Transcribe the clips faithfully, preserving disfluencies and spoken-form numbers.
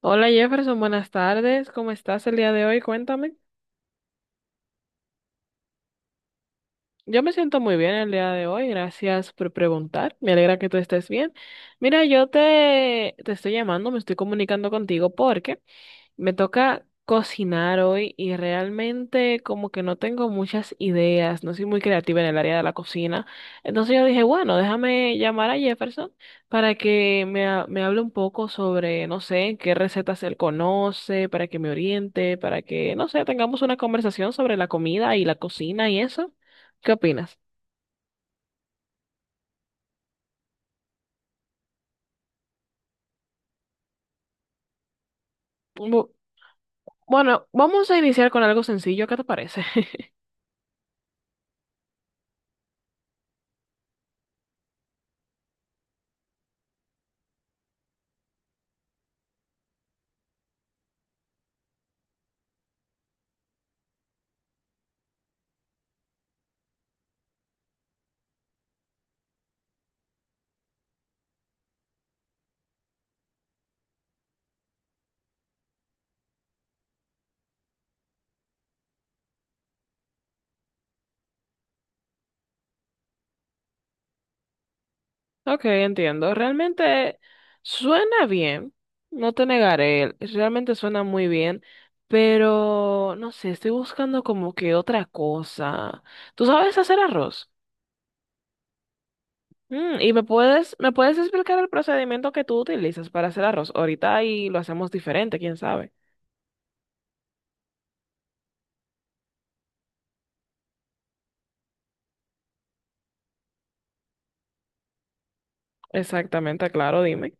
Hola Jefferson, buenas tardes. ¿Cómo estás el día de hoy? Cuéntame. Yo me siento muy bien el día de hoy, gracias por preguntar. Me alegra que tú estés bien. Mira, yo te, te estoy llamando, me estoy comunicando contigo porque me toca cocinar hoy y realmente como que no tengo muchas ideas, no soy muy creativa en el área de la cocina. Entonces yo dije, bueno, déjame llamar a Jefferson para que me, ha- me hable un poco sobre, no sé, qué recetas él conoce, para que me oriente, para que, no sé, tengamos una conversación sobre la comida y la cocina y eso. ¿Qué opinas? Bu- Bueno, vamos a iniciar con algo sencillo, ¿qué te parece? Ok, entiendo. Realmente suena bien, no te negaré, realmente suena muy bien, pero no sé, estoy buscando como que otra cosa. ¿Tú sabes hacer arroz? Mm, ¿y me puedes, me puedes explicar el procedimiento que tú utilizas para hacer arroz? Ahorita ahí lo hacemos diferente, quién sabe. Exactamente, claro, dime.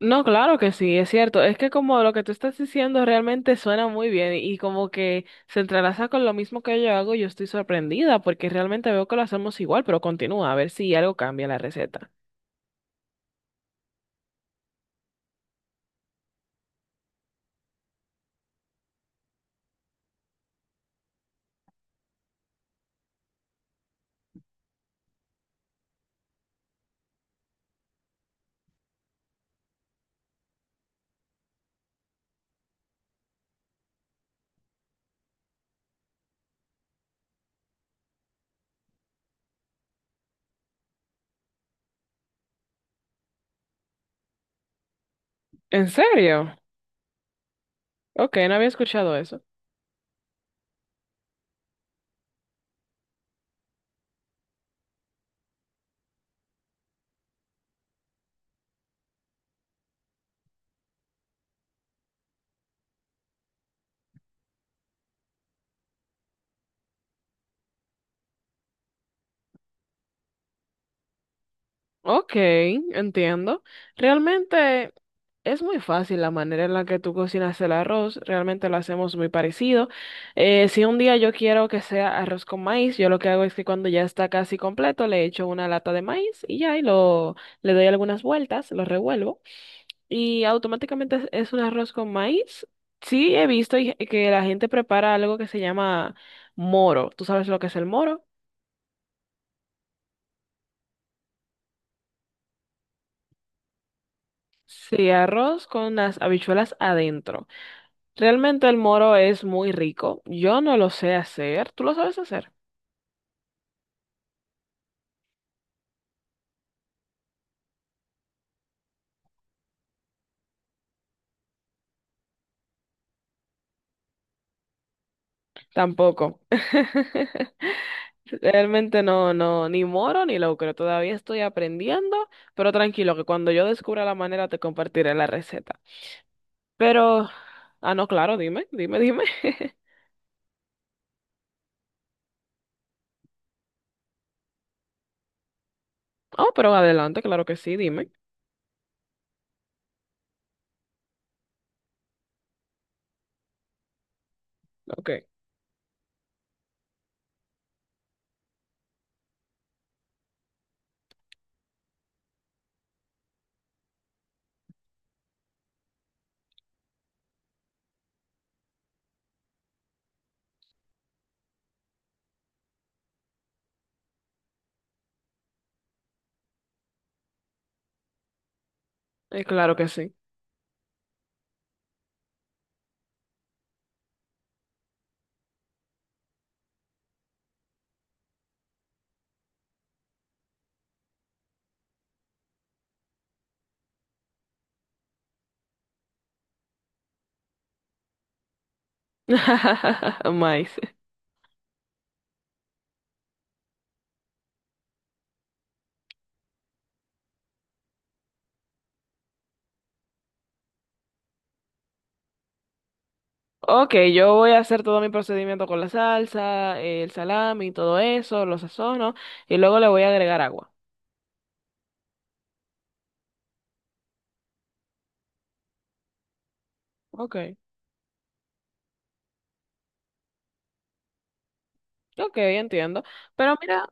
No, claro que sí, es cierto. Es que como lo que tú estás diciendo realmente suena muy bien y como que se entrelaza con lo mismo que yo hago, yo estoy sorprendida porque realmente veo que lo hacemos igual, pero continúa a ver si algo cambia la receta. ¿En serio? Ok, no había escuchado eso. Ok, entiendo. Realmente es muy fácil la manera en la que tú cocinas el arroz, realmente lo hacemos muy parecido. Eh, si un día yo quiero que sea arroz con maíz, yo lo que hago es que cuando ya está casi completo le echo una lata de maíz y ya, y lo, le doy algunas vueltas, lo revuelvo y automáticamente es, es un arroz con maíz. Sí, he visto y- que la gente prepara algo que se llama moro. ¿Tú sabes lo que es el moro? Sí, arroz con las habichuelas adentro. Realmente el moro es muy rico. Yo no lo sé hacer. ¿Tú lo sabes hacer? Tampoco. Realmente no, no, ni moro ni locro. Todavía estoy aprendiendo, pero tranquilo que cuando yo descubra la manera te compartiré la receta. Pero, ah, no, claro, dime, dime, dime. Oh, pero adelante, claro que sí, dime. Ok, eh, claro que sí. Maíz. Ok, yo voy a hacer todo mi procedimiento con la salsa, el salami, todo eso, lo sazono y luego le voy a agregar agua. Ok, ok, entiendo. Pero mira,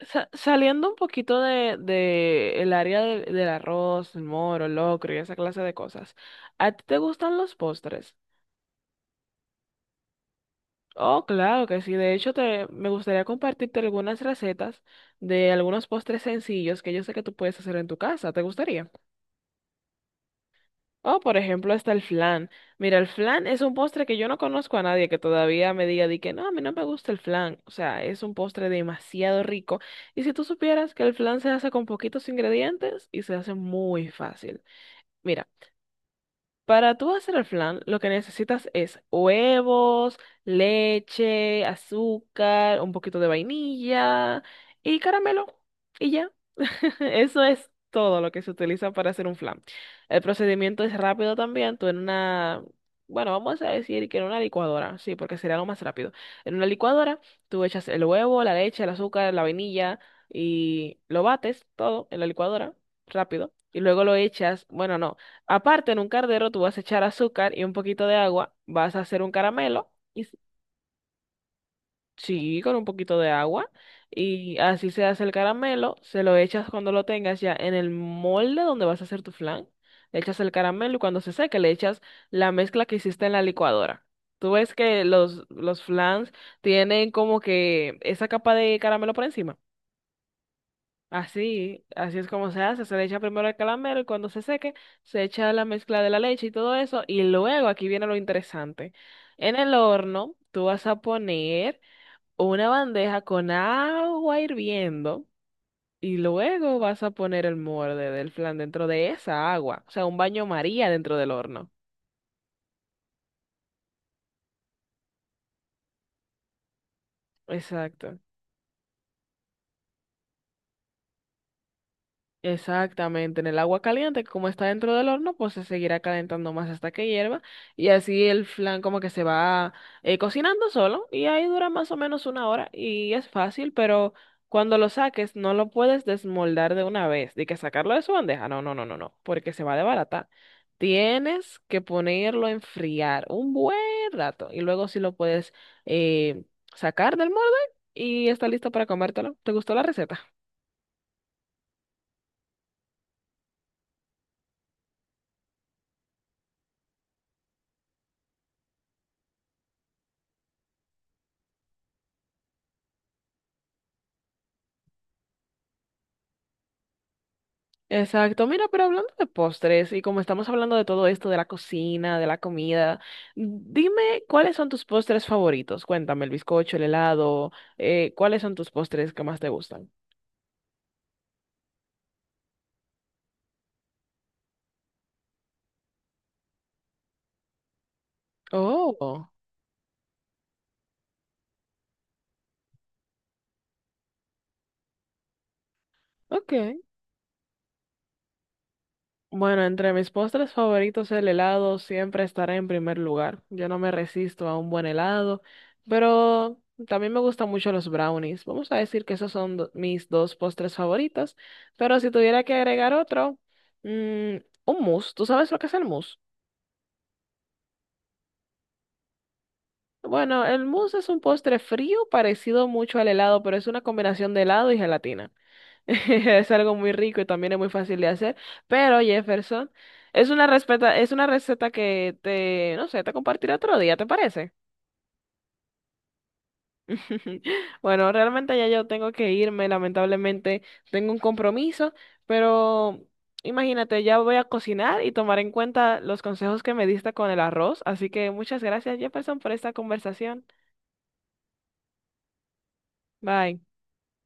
sa- saliendo un poquito de, de el área del, del arroz, el moro, el locro y esa clase de cosas, ¿a ti te gustan los postres? Oh, claro que sí. De hecho, te, me gustaría compartirte algunas recetas de algunos postres sencillos que yo sé que tú puedes hacer en tu casa. ¿Te gustaría? O, por ejemplo, está el flan. Mira, el flan es un postre que yo no conozco a nadie que todavía me diga de que no, a mí no me gusta el flan. O sea, es un postre demasiado rico. Y si tú supieras que el flan se hace con poquitos ingredientes y se hace muy fácil. Mira, para tú hacer el flan, lo que necesitas es huevos, leche, azúcar, un poquito de vainilla y caramelo. Y ya. Eso es todo lo que se utiliza para hacer un flan. El procedimiento es rápido también. Tú en una, bueno, vamos a decir que en una licuadora, sí, porque sería lo más rápido. En una licuadora, tú echas el huevo, la leche, el azúcar, la vainilla y lo bates todo en la licuadora, rápido. Y luego lo echas, bueno, no. Aparte, en un cardero tú vas a echar azúcar y un poquito de agua, vas a hacer un caramelo. Sí, con un poquito de agua. Y así se hace el caramelo. Se lo echas cuando lo tengas ya en el molde donde vas a hacer tu flan. Le echas el caramelo y cuando se seque le echas la mezcla que hiciste en la licuadora. Tú ves que los, los flans tienen como que esa capa de caramelo por encima. Así, así es como se hace. Se le echa primero el caramelo y cuando se seque se echa la mezcla de la leche y todo eso. Y luego aquí viene lo interesante. En el horno tú vas a poner una bandeja con agua hirviendo y luego vas a poner el molde del flan dentro de esa agua, o sea, un baño María dentro del horno. Exacto. Exactamente, en el agua caliente, que como está dentro del horno, pues se seguirá calentando más hasta que hierva y así el flan como que se va eh, cocinando solo y ahí dura más o menos una hora y es fácil, pero cuando lo saques no lo puedes desmoldar de una vez, de que sacarlo de su bandeja, no, no, no, no, no, porque se va a desbaratar. Tienes que ponerlo a enfriar un buen rato y luego si lo puedes eh, sacar del molde y está listo para comértelo. ¿Te gustó la receta? Exacto, mira, pero hablando de postres y como estamos hablando de todo esto, de la cocina, de la comida, dime cuáles son tus postres favoritos. Cuéntame, el bizcocho, el helado, eh, ¿cuáles son tus postres que más te gustan? Oh, ok. Bueno, entre mis postres favoritos, el helado siempre estará en primer lugar. Yo no me resisto a un buen helado, pero también me gustan mucho los brownies. Vamos a decir que esos son do- mis dos postres favoritos, pero si tuviera que agregar otro, mm, un mousse. ¿Tú sabes lo que es el mousse? Bueno, el mousse es un postre frío parecido mucho al helado, pero es una combinación de helado y gelatina. Es algo muy rico y también es muy fácil de hacer, pero Jefferson, es una receta, es una receta que te, no sé, te compartiré otro día, ¿te parece? Bueno, realmente ya yo tengo que irme, lamentablemente tengo un compromiso, pero imagínate, ya voy a cocinar y tomar en cuenta los consejos que me diste con el arroz, así que muchas gracias, Jefferson, por esta conversación. Bye.